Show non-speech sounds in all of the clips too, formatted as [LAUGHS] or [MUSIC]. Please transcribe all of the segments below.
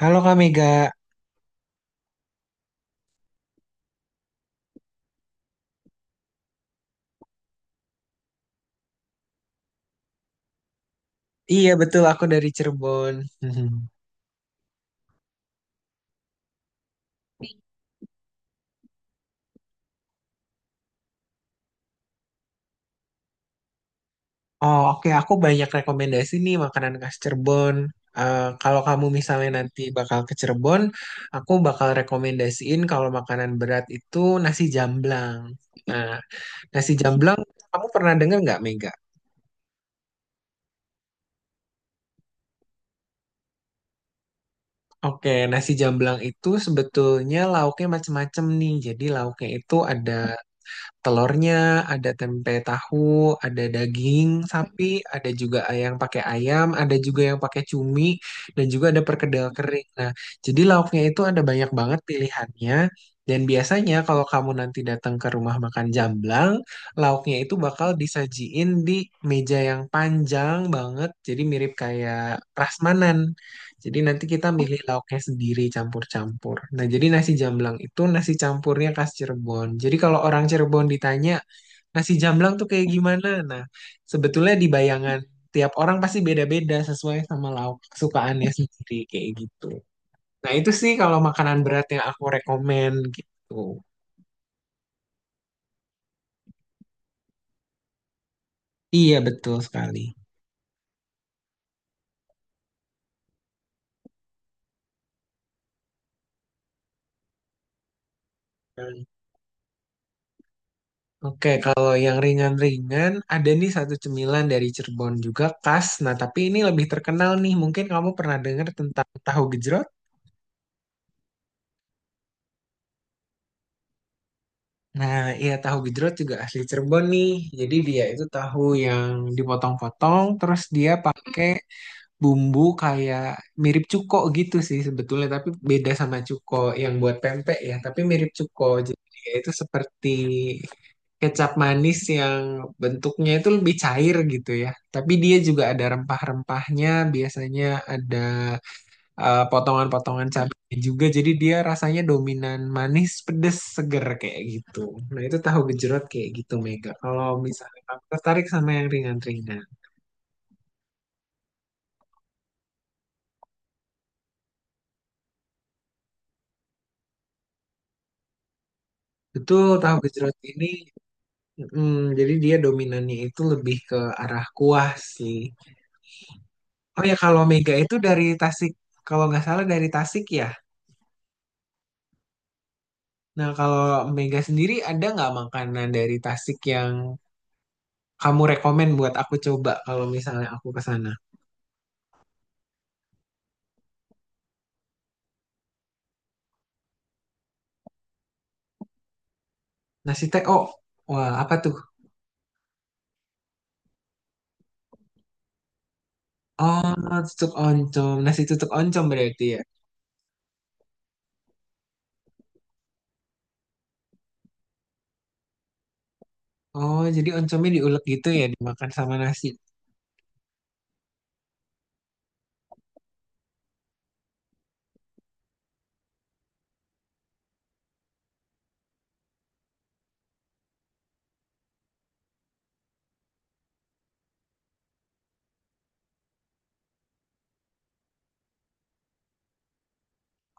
Halo Kak Mega, iya betul aku dari Cirebon. [LAUGHS] Mhm. Oh oke, aku banyak rekomendasi nih makanan khas Cirebon. Kalau kamu misalnya nanti bakal ke Cirebon, aku bakal rekomendasiin kalau makanan berat itu nasi jamblang. Nah, nasi jamblang kamu pernah dengar nggak Mega? Oke, nasi jamblang itu sebetulnya lauknya macem-macem nih. Jadi lauknya itu ada telurnya, ada tempe tahu, ada daging sapi, ada juga yang pakai ayam, ada juga yang pakai cumi, dan juga ada perkedel kering. Nah, jadi lauknya itu ada banyak banget pilihannya. Dan biasanya kalau kamu nanti datang ke rumah makan Jamblang, lauknya itu bakal disajiin di meja yang panjang banget, jadi mirip kayak prasmanan. Jadi nanti kita Oh, milih lauknya sendiri campur-campur. Nah, jadi nasi jamblang itu nasi campurnya khas Cirebon. Jadi kalau orang Cirebon ditanya nasi jamblang tuh kayak gimana? Nah, sebetulnya di bayangan tiap orang pasti beda-beda sesuai sama lauk kesukaannya sendiri kayak gitu. Nah, itu sih kalau makanan berat yang aku rekomen gitu. Iya, betul sekali. Oke, kalau yang ringan-ringan, ada nih satu cemilan dari Cirebon juga khas. Nah, tapi ini lebih terkenal nih. Mungkin kamu pernah dengar tentang tahu gejrot? Nah, iya tahu gejrot juga asli Cirebon nih. Jadi dia itu tahu yang dipotong-potong, terus dia pakai bumbu kayak mirip cuko gitu sih sebetulnya, tapi beda sama cuko yang buat pempek ya, tapi mirip cuko. Jadi dia itu seperti kecap manis yang bentuknya itu lebih cair gitu ya. Tapi dia juga ada rempah-rempahnya, biasanya ada potongan-potongan cabenya juga. Jadi dia rasanya dominan manis, pedes, seger kayak gitu. Nah itu tahu gejrot kayak gitu Mega. Kalau misalnya kamu tertarik sama yang ringan-ringan. Betul, tahu gejrot ini. Mm, jadi dia dominannya itu lebih ke arah kuah sih. Oh ya kalau Mega itu dari Tasik. Kalau nggak salah dari Tasik ya. Nah, kalau Mega sendiri ada nggak makanan dari Tasik yang kamu rekomen buat aku coba kalau misalnya aku ke sana? Nasi teh, oh, wah apa tuh? Oh, tutuk oncom, nasi tutuk oncom berarti ya. Oh, jadi oncomnya diulek gitu ya, dimakan sama nasi.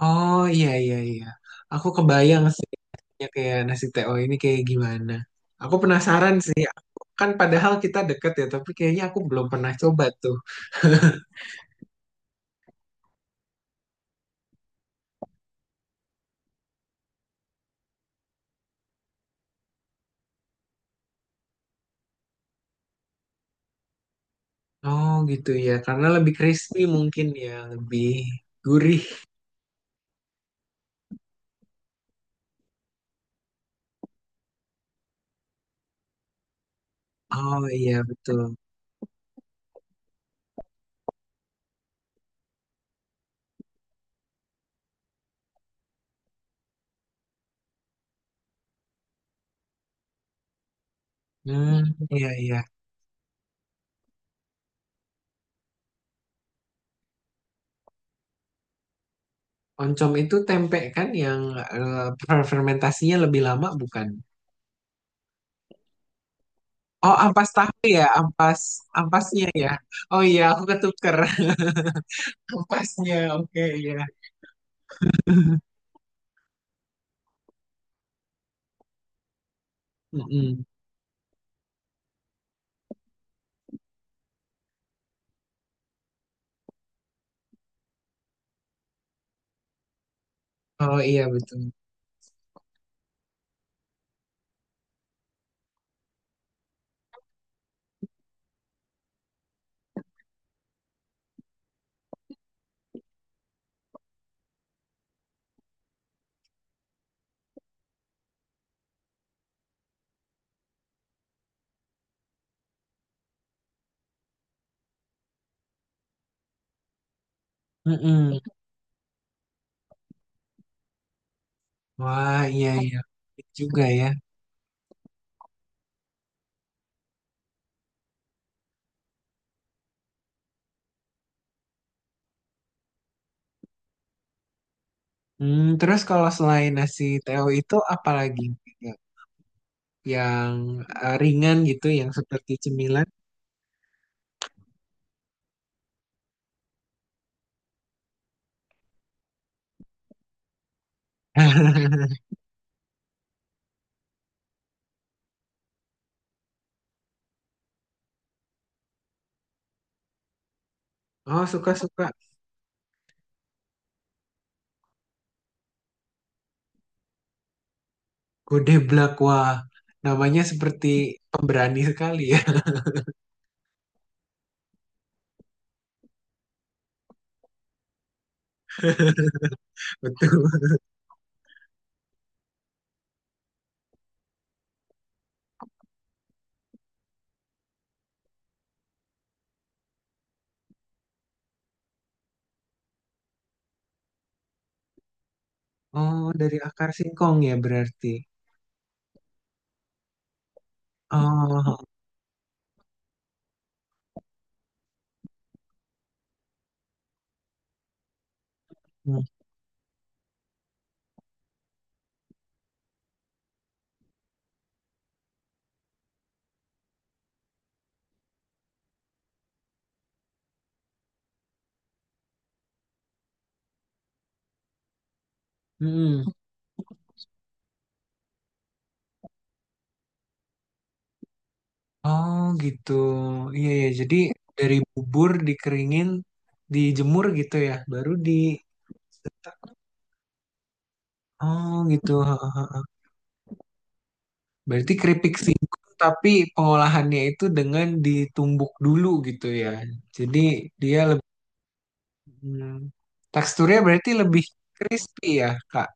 Oh iya iya iya, aku kebayang sih ya kayak nasi teh. Oh ini kayak gimana? Aku penasaran sih. Kan padahal kita deket ya, tapi kayaknya aku belum pernah coba tuh. Oh gitu ya, karena lebih crispy mungkin ya, lebih gurih. Oh iya betul. Hmm, iya iya. Oncom itu tempe kan yang eh, fermentasinya lebih lama bukan? Oh ampas tahu ya, ampas ampasnya ya. Oh iya aku ketuker. [LAUGHS] Ampasnya, oke iya. Mm-mm. Oh iya betul. Mm-mm. Wah iya iya juga ya. Hmm, terus kalau selain nasi teo itu apa lagi? Yang ringan gitu, yang seperti cemilan. [LAUGHS] Oh, suka-suka. Godeblak, wah. Namanya seperti pemberani sekali ya. [LAUGHS] Betul. Oh, dari akar singkong ya berarti. Oh, hmm. Oh gitu. Iya ya. Jadi dari bubur dikeringin, dijemur gitu ya, baru di. Oh gitu. [LAUGHS] Berarti keripik singkong tapi pengolahannya itu dengan ditumbuk dulu gitu ya. Jadi dia lebih hmm, teksturnya berarti lebih crispy ya, Kak.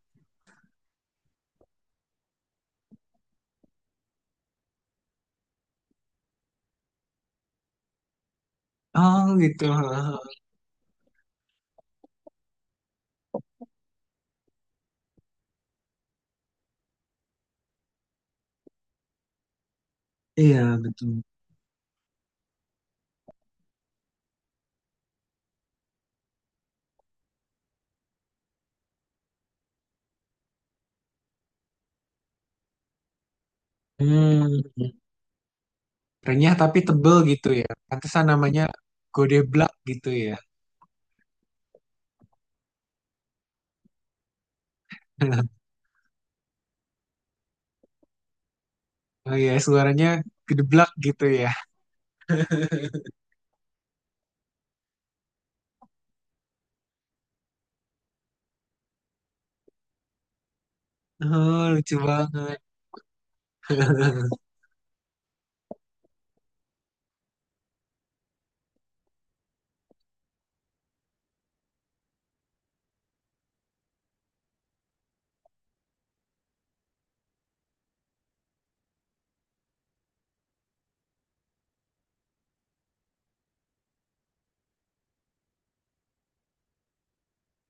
Oh gitu. [LAUGHS] Iya, betul. Hmm. Renyah tapi tebel gitu ya. Pantesan namanya godeblak gitu ya. [LAUGHS] Oh iya, suaranya gedeblak gitu ya. Oh, lucu banget. [LAUGHS]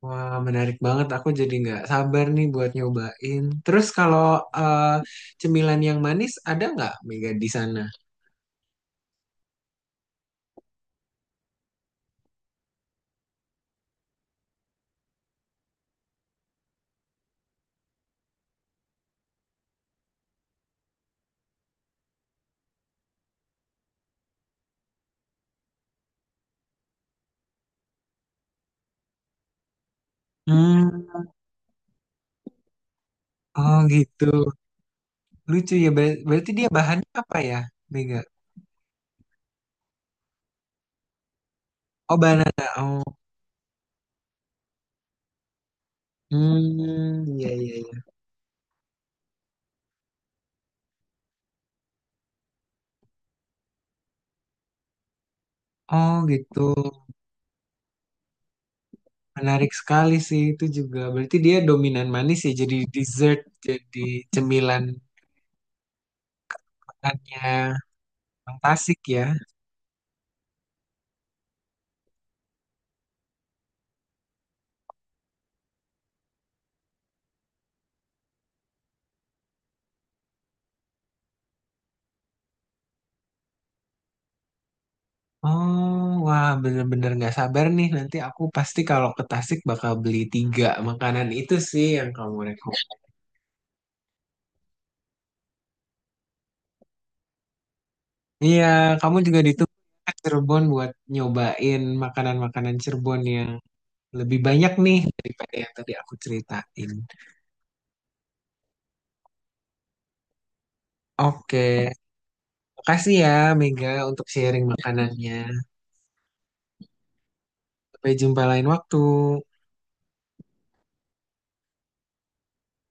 Wah, menarik banget. Aku jadi nggak sabar nih buat nyobain. Terus kalau eh, cemilan yang manis ada nggak Mega di sana? Hmm, oh gitu. Lucu ya. Ber- berarti dia bahannya apa ya, Mega? Oh, banana. Oh, hmm, iya iya iya. Oh gitu. Menarik sekali sih itu juga. Berarti dia dominan manis ya. Jadi dessert, jadi cemilan makannya. Fantastik ya. Oh, wah bener-bener nggak sabar nih. Nanti aku pasti kalau ke Tasik bakal beli 3 makanan itu sih yang kamu rekom. Iya, kamu juga ditunggu ke Cirebon buat nyobain makanan-makanan Cirebon yang lebih banyak nih daripada yang tadi aku ceritain. Oke, makasih ya Mega untuk sharing makanannya. Sampai jumpa lain waktu.